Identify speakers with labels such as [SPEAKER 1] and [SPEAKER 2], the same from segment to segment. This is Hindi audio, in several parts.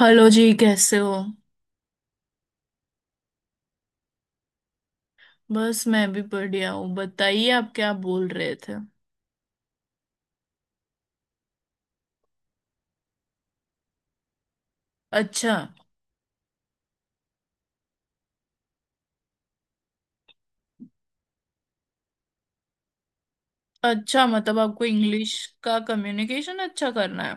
[SPEAKER 1] हेलो जी, कैसे हो। बस मैं भी बढ़िया हूँ, बताइए आप क्या बोल रहे थे। अच्छा। अच्छा, मतलब आपको इंग्लिश का कम्युनिकेशन अच्छा करना है।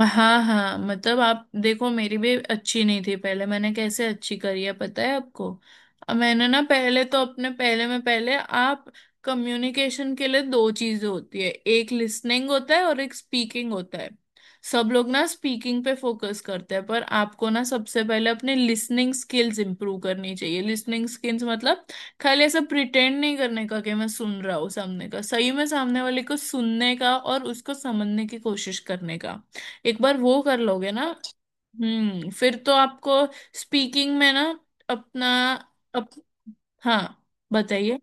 [SPEAKER 1] हाँ हाँ, मतलब आप देखो, मेरी भी अच्छी नहीं थी पहले। मैंने कैसे अच्छी करी है पता है आपको? अब मैंने ना, पहले तो अपने पहले आप, कम्युनिकेशन के लिए दो चीजें होती है, एक लिसनिंग होता है और एक स्पीकिंग होता है। सब लोग ना स्पीकिंग पे फोकस करते हैं, पर आपको ना सबसे पहले अपने लिसनिंग स्किल्स इंप्रूव करनी चाहिए। लिसनिंग स्किल्स मतलब खाली ऐसा प्रिटेंड नहीं करने का कि मैं सुन रहा हूँ सामने का, सही में सामने वाले को सुनने का और उसको समझने की कोशिश करने का। एक बार वो कर लोगे ना। हम्म, फिर तो आपको स्पीकिंग में ना अपना अप, हाँ बताइए।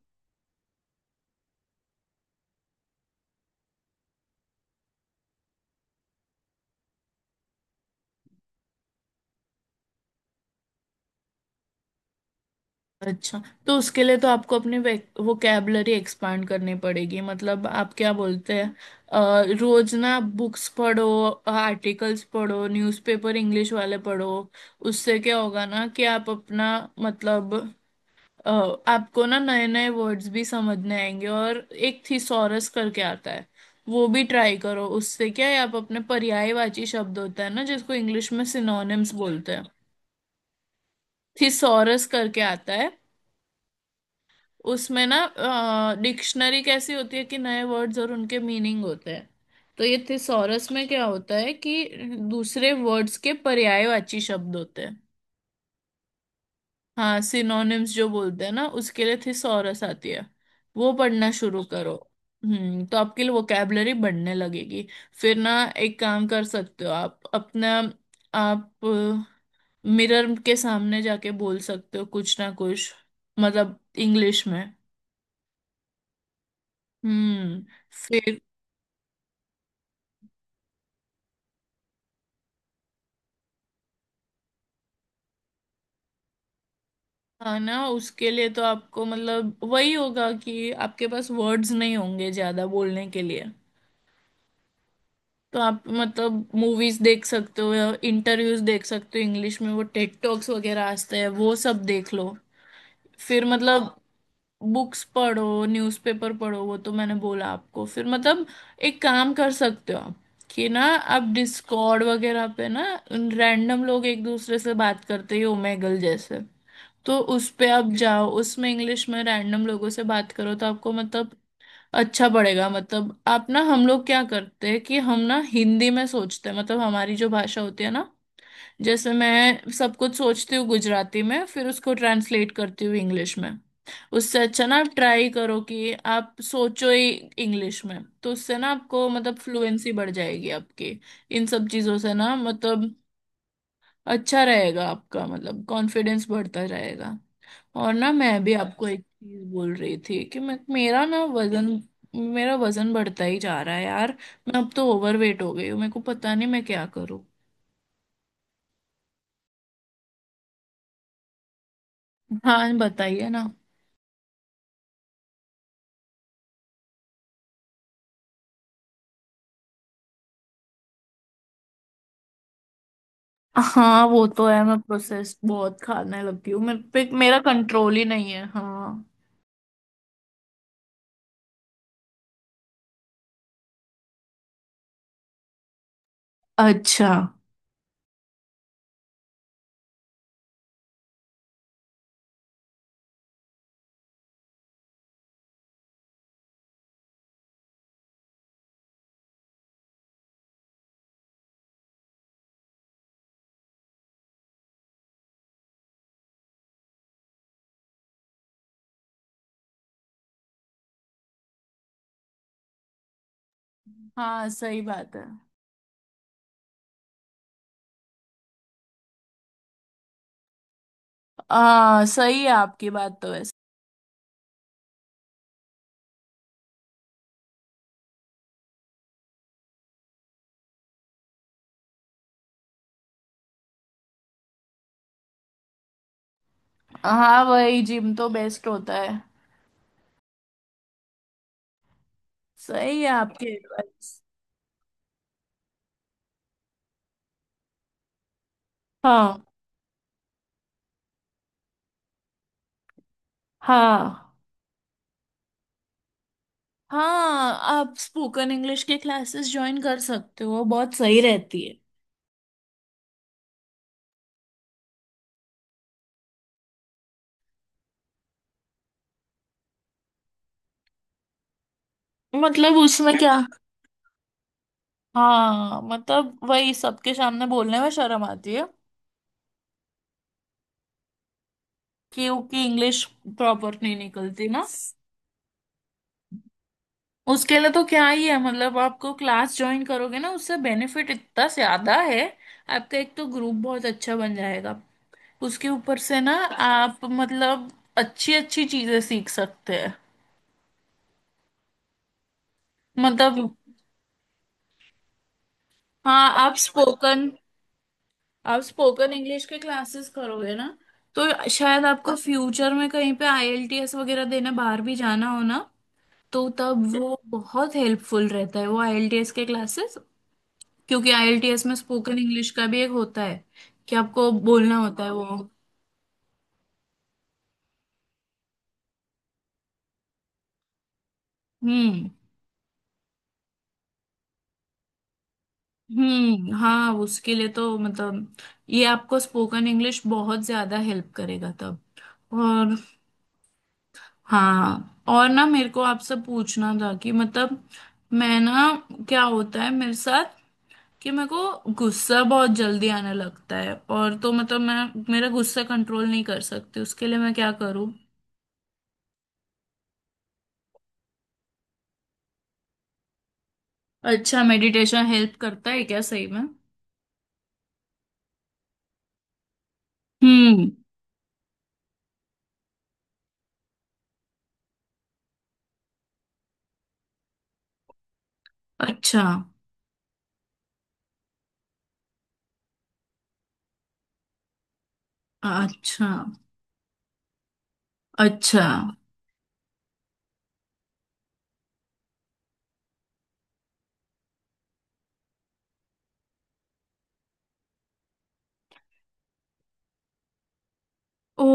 [SPEAKER 1] अच्छा, तो उसके लिए तो आपको अपनी वोकेबलरी एक्सपांड करनी पड़ेगी। मतलब आप क्या बोलते हैं, रोज ना बुक्स पढ़ो, आर्टिकल्स पढ़ो, न्यूज़पेपर इंग्लिश वाले पढ़ो। उससे क्या होगा ना कि आप अपना मतलब, अ, आपको ना नए नए वर्ड्स भी समझने आएंगे। और एक थिसॉरस करके आता है, वो भी ट्राई करो। उससे क्या है, आप अपने, पर्यायवाची शब्द होता है ना, जिसको इंग्लिश में सिनोनिम्स बोलते हैं। थिसॉरस करके आता है, उसमें ना, डिक्शनरी कैसी होती है कि नए वर्ड्स और उनके मीनिंग होते हैं, तो ये थिसॉरस में क्या होता है कि दूसरे वर्ड्स के पर्यायवाची शब्द होते हैं। हाँ, सिनोनिम्स जो बोलते हैं ना, उसके लिए थिसॉरस आती है। वो पढ़ना शुरू करो। हम्म, तो आपके लिए वोकेबलरी बढ़ने लगेगी। फिर ना एक काम कर सकते हो आप अपना, आप मिरर के सामने जाके बोल सकते हो कुछ ना कुछ, मतलब इंग्लिश में। हम्म, फिर। हाँ ना, उसके लिए तो आपको मतलब वही होगा कि आपके पास वर्ड्स नहीं होंगे ज्यादा बोलने के लिए। तो आप मतलब मूवीज देख सकते हो, इंटरव्यूज देख सकते हो इंग्लिश में, वो टेड टॉक्स वगैरह आते हैं वो सब देख लो। फिर मतलब बुक्स पढ़ो, न्यूज़पेपर पढ़ो, वो तो मैंने बोला आपको। फिर मतलब एक काम कर सकते हो आप, कि ना आप डिस्कॉर्ड वगैरह पे ना, रैंडम लोग एक दूसरे से बात करते ही, ओमेगल जैसे। तो उस पे आप जाओ, उसमें इंग्लिश में रैंडम लोगों से बात करो तो आपको मतलब अच्छा पड़ेगा। मतलब आप ना, हम लोग क्या करते हैं कि हम ना हिंदी में सोचते हैं, मतलब हमारी जो भाषा होती है ना, जैसे मैं सब कुछ सोचती हूँ गुजराती में, फिर उसको ट्रांसलेट करती हूँ इंग्लिश में। उससे अच्छा ना आप ट्राई करो कि आप सोचो ही इंग्लिश में, तो उससे ना आपको मतलब फ्लुएंसी बढ़ जाएगी आपकी। इन सब चीज़ों से ना मतलब अच्छा रहेगा आपका, मतलब कॉन्फिडेंस बढ़ता जाएगा। और ना, मैं भी आपको अच्छा एक चीज बोल रही थी कि मैं, मेरा ना वजन, मेरा वजन बढ़ता ही जा रहा है यार। मैं अब तो ओवरवेट हो गई हूँ, मेरे को पता नहीं मैं क्या करूँ। हाँ बताइए ना। हाँ वो तो है, मैं प्रोसेस बहुत खाने लगी हूँ, मेरे पे मेरा कंट्रोल ही नहीं है, हाँ। अच्छा। हाँ सही बात है। हाँ सही है आपकी बात तो वैसे। हाँ, वही जिम तो बेस्ट होता है। सही है आपकी एडवाइस। हाँ हाँ हाँ। आप स्पोकन इंग्लिश के क्लासेस ज्वाइन कर सकते हो, बहुत सही रहती है। मतलब उसमें क्या। हाँ मतलब वही, सबके सामने बोलने में शर्म आती है, क्योंकि इंग्लिश प्रॉपर नहीं निकलती ना। उसके लिए तो क्या ही है मतलब, आपको क्लास ज्वाइन करोगे ना, उससे बेनिफिट इतना ज्यादा है। आपका एक तो ग्रुप बहुत अच्छा बन जाएगा, उसके ऊपर से ना आप मतलब अच्छी अच्छी चीजें सीख सकते हैं। मतलब, हाँ आप स्पोकन, आप स्पोकन इंग्लिश के क्लासेस करोगे ना, तो शायद आपको फ्यूचर में कहीं पे आईएलटीएस वगैरह देने बाहर भी जाना हो ना, तो तब वो बहुत हेल्पफुल रहता है वो आईएलटीएस के क्लासेस। क्योंकि आईएलटीएस में स्पोकन इंग्लिश का भी एक होता है कि आपको बोलना होता है वो। हम्म हम्म। हाँ उसके लिए तो मतलब ये आपको स्पोकन इंग्लिश बहुत ज्यादा हेल्प करेगा तब। और हाँ, और ना मेरे को आपसे पूछना था कि मतलब, मैं ना, क्या होता है मेरे साथ कि मेरे को गुस्सा बहुत जल्दी आने लगता है, और तो मतलब मैं मेरा गुस्सा कंट्रोल नहीं कर सकती, उसके लिए मैं क्या करूँ। अच्छा, मेडिटेशन हेल्प करता है क्या सही में? हम्म। अच्छा। अच्छा। अच्छा। ओ।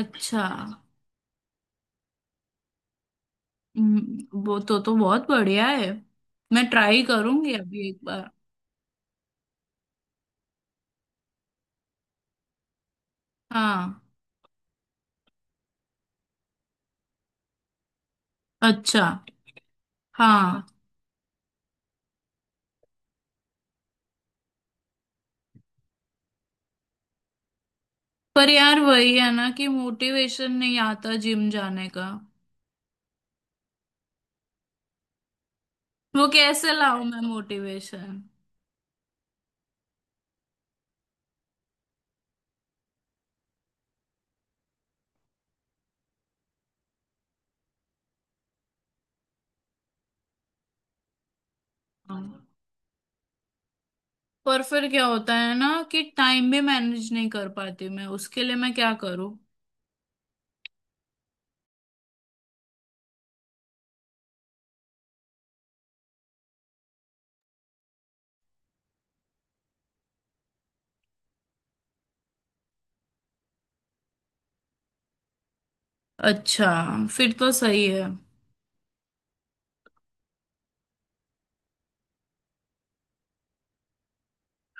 [SPEAKER 1] अच्छा। वो तो बहुत बढ़िया है। मैं ट्राई करूंगी अभी एक बार। हाँ। अच्छा। हाँ। पर यार वही है ना कि मोटिवेशन नहीं आता जिम जाने का। वो कैसे लाऊं मैं मोटिवेशन। पर फिर क्या होता है ना कि टाइम भी मैनेज नहीं कर पाती मैं, उसके लिए मैं क्या करूं। अच्छा। फिर तो सही है।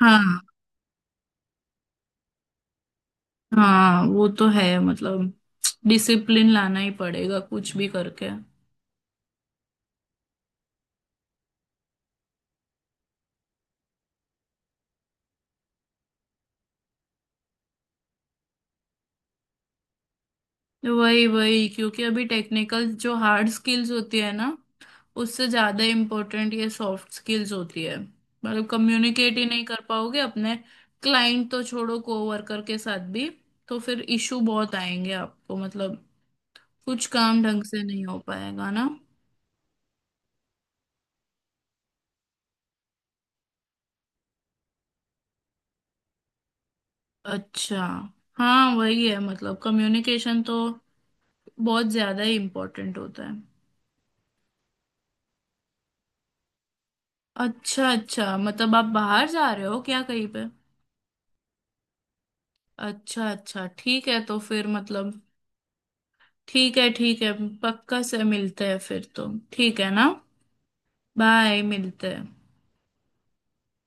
[SPEAKER 1] हाँ। हाँ वो तो है मतलब, डिसिप्लिन लाना ही पड़ेगा कुछ भी करके। वही वही, क्योंकि अभी टेक्निकल जो हार्ड स्किल्स होती है ना, उससे ज्यादा इम्पोर्टेंट ये सॉफ्ट स्किल्स होती है। मतलब कम्युनिकेट ही नहीं कर पाओगे अपने क्लाइंट तो छोड़ो, कोवर्कर के साथ भी। तो फिर इशू बहुत आएंगे आपको मतलब, कुछ काम ढंग से नहीं हो पाएगा ना। अच्छा। हाँ वही है मतलब, कम्युनिकेशन तो बहुत ज्यादा ही इम्पोर्टेंट होता है। अच्छा अच्छा, मतलब आप बाहर जा रहे हो क्या कहीं पे? अच्छा अच्छा ठीक है, तो फिर मतलब, ठीक है ठीक है। पक्का से मिलते हैं फिर तो, ठीक है ना। बाय, मिलते हैं।